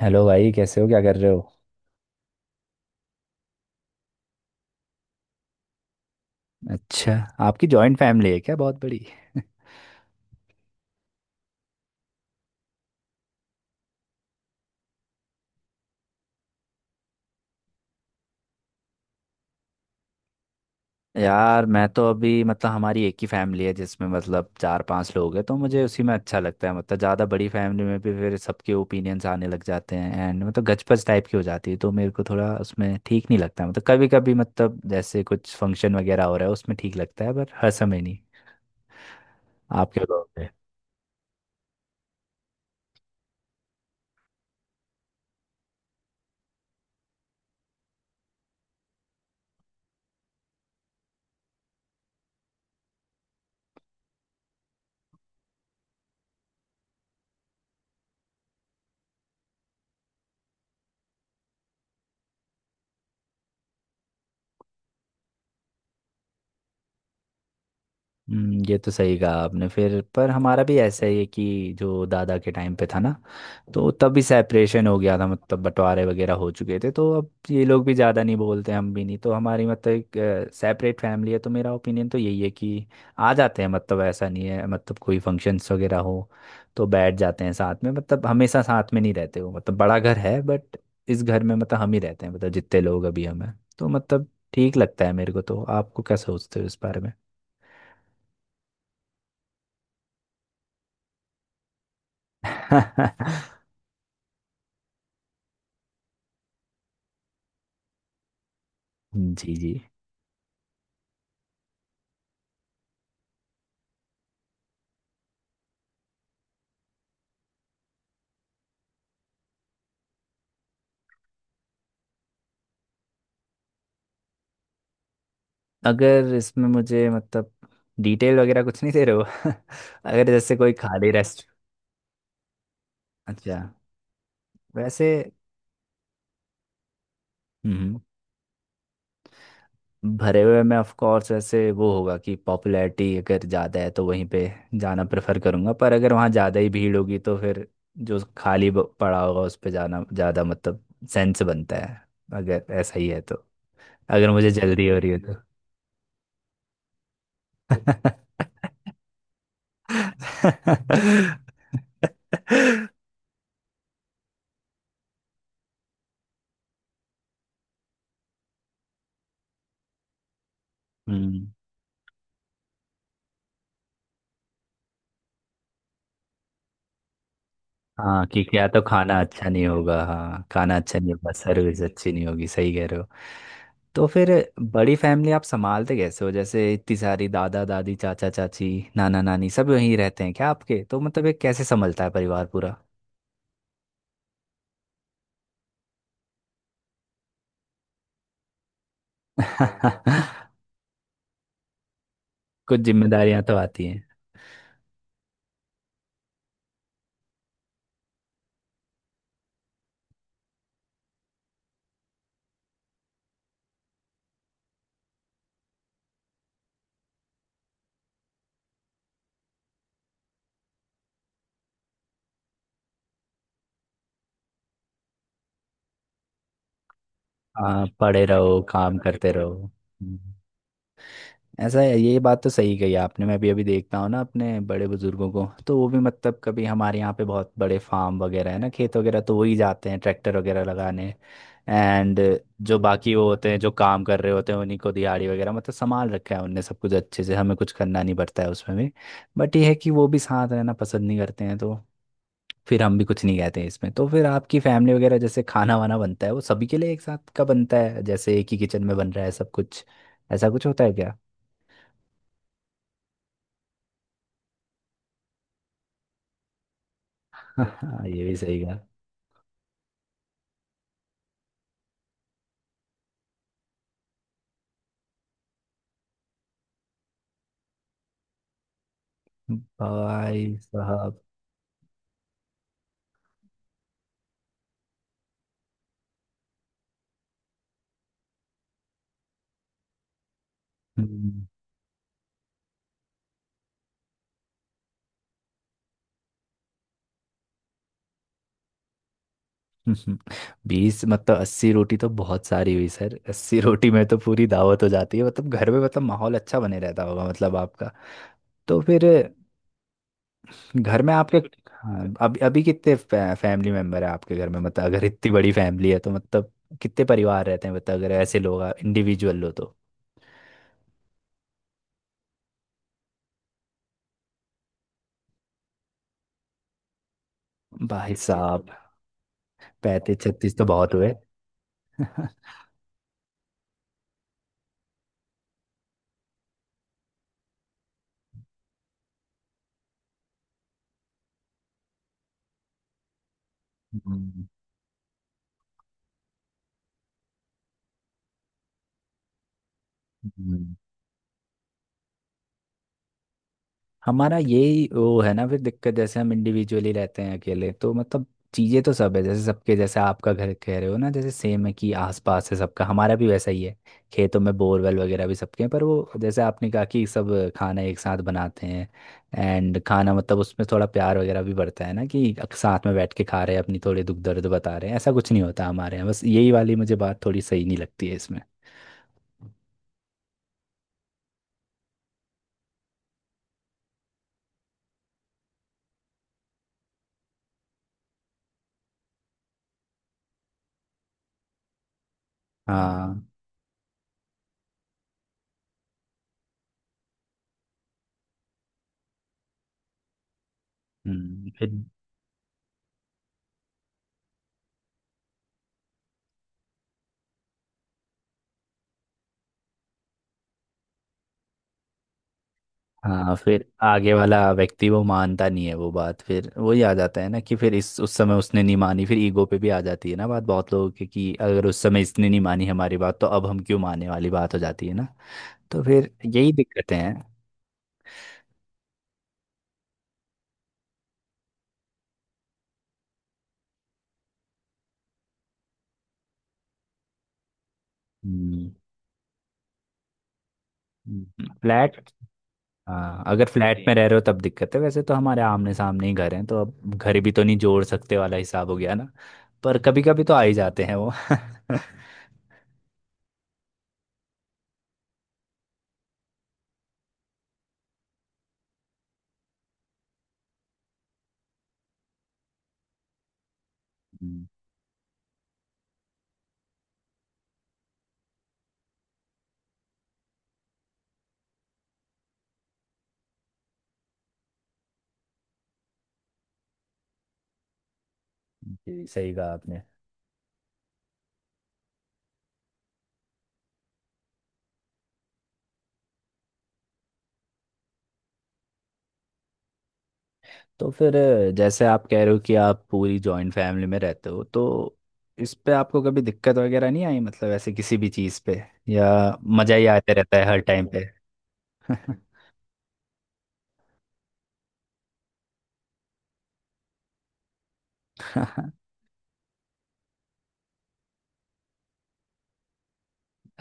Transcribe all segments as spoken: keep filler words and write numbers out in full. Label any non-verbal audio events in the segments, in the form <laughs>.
Hello भाई, कैसे हो? क्या कर रहे हो? अच्छा। आपकी जॉइंट फैमिली है क्या? बहुत बड़ी? यार, मैं तो अभी मतलब हमारी एक ही फैमिली है, जिसमें मतलब चार पांच लोग हैं। तो मुझे उसी में अच्छा लगता है, मतलब ज़्यादा बड़ी फैमिली में भी फिर सबके ओपिनियन्स आने लग जाते हैं, एंड मतलब गचपच टाइप की हो जाती है। तो मेरे को थोड़ा उसमें ठीक नहीं लगता। मतलब कभी कभी, मतलब जैसे कुछ फंक्शन वगैरह हो रहा है, उसमें ठीक लगता है, पर हर समय नहीं। आप क्या कहोगे? हम्म, ये तो सही कहा आपने। फिर पर हमारा भी ऐसा ही है कि जो दादा के टाइम पे था ना, तो तब भी सेपरेशन हो गया था, मतलब बंटवारे वगैरह हो चुके थे। तो अब ये लोग भी ज़्यादा नहीं बोलते, हम भी नहीं, तो हमारी मतलब एक सेपरेट फैमिली है। तो मेरा ओपिनियन तो यही है कि आ जाते हैं, मतलब ऐसा नहीं है, मतलब कोई फंक्शंस वगैरह हो तो बैठ जाते हैं साथ में, मतलब हमेशा साथ में नहीं रहते हो, मतलब बड़ा घर है, बट इस घर में मतलब हम ही रहते हैं, मतलब जितने लोग अभी हम हैं, तो मतलब ठीक लगता है मेरे को। तो आपको क्या सोचते हो इस बारे में? <laughs> जी जी। अगर इसमें मुझे मतलब डिटेल वगैरह कुछ नहीं दे रहे हो। <laughs> अगर जैसे कोई खाली रेस्ट। अच्छा। वैसे। हम्म। भरे हुए में ऑफ कोर्स वैसे वो होगा कि पॉपुलैरिटी अगर ज़्यादा है तो वहीं पे जाना प्रेफर करूँगा, पर अगर वहाँ ज़्यादा ही भीड़ होगी तो फिर जो खाली ब- पड़ा होगा उस पे जाना ज़्यादा मतलब सेंस बनता है। अगर ऐसा ही है तो, अगर मुझे जल्दी हो रही है तो। <laughs> <laughs> हम्म। हाँ, क्योंकि या तो खाना अच्छा नहीं होगा, हाँ, खाना अच्छा नहीं होगा, सर्विस अच्छी नहीं होगी, सही कह रहे हो। तो फिर बड़ी फैमिली आप संभालते कैसे हो? जैसे इतनी सारी दादा दादी, चाचा चाची, नाना नानी सब यहीं रहते हैं क्या आपके? तो मतलब ये कैसे संभलता है परिवार पूरा? <laughs> कुछ जिम्मेदारियां तो आती हैं। हाँ, पढ़े रहो, काम करते रहो। हम्म। ऐसा है, ये बात तो सही कही आपने। मैं भी अभी देखता हूँ ना अपने बड़े बुजुर्गों को, तो वो भी मतलब कभी हमारे यहाँ पे बहुत बड़े फार्म वगैरह है ना, खेत वगैरह, तो वही जाते हैं ट्रैक्टर वगैरह लगाने। एंड जो बाकी वो होते हैं जो काम कर रहे होते हैं, उन्हीं को दिहाड़ी वगैरह, मतलब संभाल रखा है उनने सब कुछ अच्छे से, हमें कुछ करना नहीं पड़ता है उसमें भी। बट ये है कि वो भी साथ रहना पसंद नहीं करते हैं, तो फिर हम भी कुछ नहीं कहते हैं इसमें। तो फिर आपकी फैमिली वगैरह जैसे खाना वाना बनता है वो सभी के लिए एक साथ का बनता है? जैसे एक ही किचन में बन रहा है सब कुछ? ऐसा कुछ होता है क्या? <laughs> हाँ, ये भी सही है। भाई साहब। हम्म। <laughs> बीस मतलब अस्सी रोटी तो बहुत सारी हुई सर, अस्सी रोटी में तो पूरी दावत हो जाती है। मतलब घर में मतलब माहौल अच्छा बने रहता होगा मतलब आपका? तो फिर घर में आपके? हाँ। अभी अभी कितने फै, फैमिली मेंबर है आपके घर में, मतलब अगर इतनी बड़ी फैमिली है तो मतलब कितने परिवार रहते हैं, मतलब अगर ऐसे लोग इंडिविजुअल हो तो? भाई साहब। पैंतीस छत्तीस तो बहुत हुए। <laughs> हम्म, हमारा यही वो है ना फिर दिक्कत, जैसे हम इंडिविजुअली रहते हैं अकेले तो मतलब चीज़ें तो सब है, जैसे सबके, जैसे आपका घर कह रहे हो ना जैसे सेम है, कि आसपास है सबका, हमारा भी वैसा ही है। खेतों में बोरवेल वगैरह भी सबके हैं, पर वो जैसे आपने कहा कि सब खाना एक साथ बनाते हैं, एंड खाना मतलब उसमें थोड़ा प्यार वगैरह भी बढ़ता है ना, कि साथ में बैठ के खा रहे हैं, अपनी थोड़ी दुख दर्द बता रहे हैं, ऐसा कुछ नहीं होता हमारे यहाँ। बस यही वाली मुझे बात थोड़ी सही नहीं लगती है इसमें। हाँ। हम्म, फिर। हाँ, फिर आगे वाला व्यक्ति वो मानता नहीं है वो बात, फिर वही आ जाता है ना कि फिर इस उस समय उसने नहीं मानी, फिर ईगो पे भी आ जाती है ना बात बहुत लोगों की, कि अगर उस समय इसने नहीं मानी हमारी बात तो अब हम क्यों, मानने वाली बात हो जाती है ना। तो फिर यही दिक्कतें हैं। हम्म। हम्म, फ्लैट। हाँ, अगर फ्लैट में रह रहे हो तब दिक्कत है, वैसे तो हमारे आमने सामने ही घर हैं, तो अब घर भी तो नहीं जोड़ सकते वाला हिसाब हो गया ना। पर कभी कभी तो आ ही जाते हैं वो। <laughs> हम्म। जी, सही कहा आपने। तो फिर अ, जैसे आप कह रहे हो कि आप पूरी जॉइंट फैमिली में रहते हो, तो इस पे आपको कभी दिक्कत वगैरह नहीं आई, मतलब ऐसे किसी भी चीज़ पे, या मज़ा ही आते रहता है हर टाइम पे? <laughs>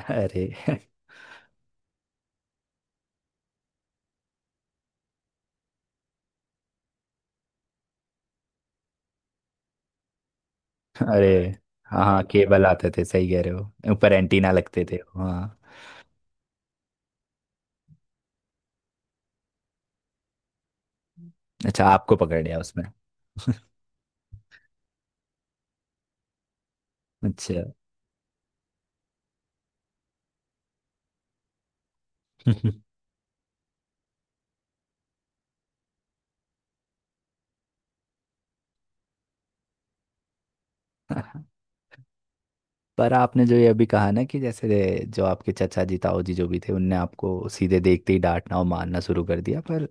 अरे, अरे। हाँ हाँ, केबल आते थे, सही कह रहे हो, ऊपर एंटीना लगते थे, हाँ। अच्छा, आपको पकड़ लिया उसमें? अच्छा। <laughs> पर आपने जो ये अभी कहा ना कि जैसे जो आपके चचा जी ताऊ जी जो भी थे उनने आपको सीधे देखते ही डांटना और मारना शुरू कर दिया, पर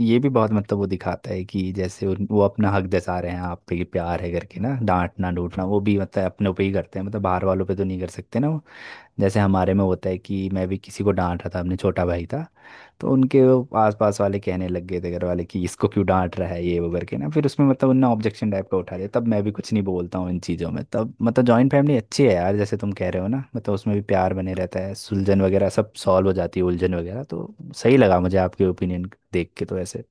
ये भी बहुत मतलब वो दिखाता है कि जैसे उन- वो अपना हक जता रहे हैं आप पे कि प्यार है, करके ना डांटना डूटना वो भी मतलब अपने पे ही करते हैं, मतलब बाहर वालों पे तो नहीं कर सकते ना वो। जैसे हमारे में होता है कि मैं भी किसी को डांट रहा था, अपने छोटा भाई था, तो उनके वो आसपास वाले कहने लग गए थे घर वाले कि इसको क्यों डांट रहा है ये वो करके ना, फिर उसमें मतलब उनने ऑब्जेक्शन टाइप का उठा लिया, तब मैं भी कुछ नहीं बोलता हूँ इन चीज़ों में, तब मतलब जॉइंट फैमिली अच्छी है यार, जैसे तुम कह रहे हो ना, मतलब उसमें भी प्यार बने रहता है, सुलझन वगैरह सब सॉल्व हो जाती है उलझन वगैरह, तो सही लगा मुझे आपके ओपिनियन देख के तो ऐसे।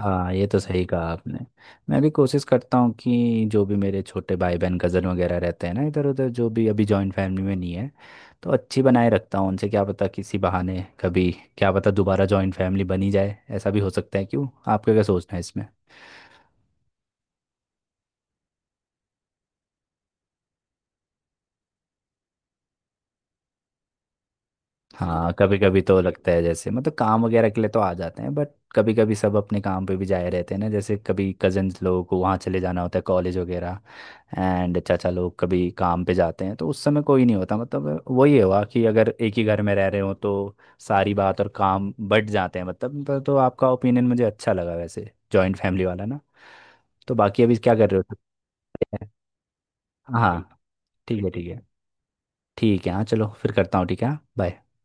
हाँ, ये तो सही कहा आपने। मैं भी कोशिश करता हूँ कि जो भी मेरे छोटे भाई बहन कज़न वगैरह रहते हैं ना इधर उधर, जो भी अभी जॉइंट फैमिली में नहीं है, तो अच्छी बनाए रखता हूँ उनसे, क्या पता किसी बहाने कभी, क्या पता दोबारा जॉइंट फैमिली बनी जाए, ऐसा भी हो सकता है, क्यों? आपका क्या सोचना है इसमें? हाँ, कभी कभी तो लगता है, जैसे मतलब काम वगैरह के लिए तो आ जाते हैं बट कभी कभी सब अपने काम पे भी जाए रहते हैं ना, जैसे कभी कजन्स लोगों को वहाँ चले जाना होता है कॉलेज वगैरह, एंड चाचा लोग कभी काम पे जाते हैं तो उस समय कोई नहीं होता, मतलब वही हुआ कि अगर एक ही घर में रह रहे हो तो सारी बात और काम बट जाते हैं, मतलब तो तो आपका ओपिनियन मुझे अच्छा लगा वैसे जॉइंट फैमिली वाला ना। तो बाकी अभी क्या कर रहे हो? हाँ। ठीक है, ठीक है। ठीक है, हाँ, चलो, फिर करता हूँ। ठीक है, हाँ, बाय।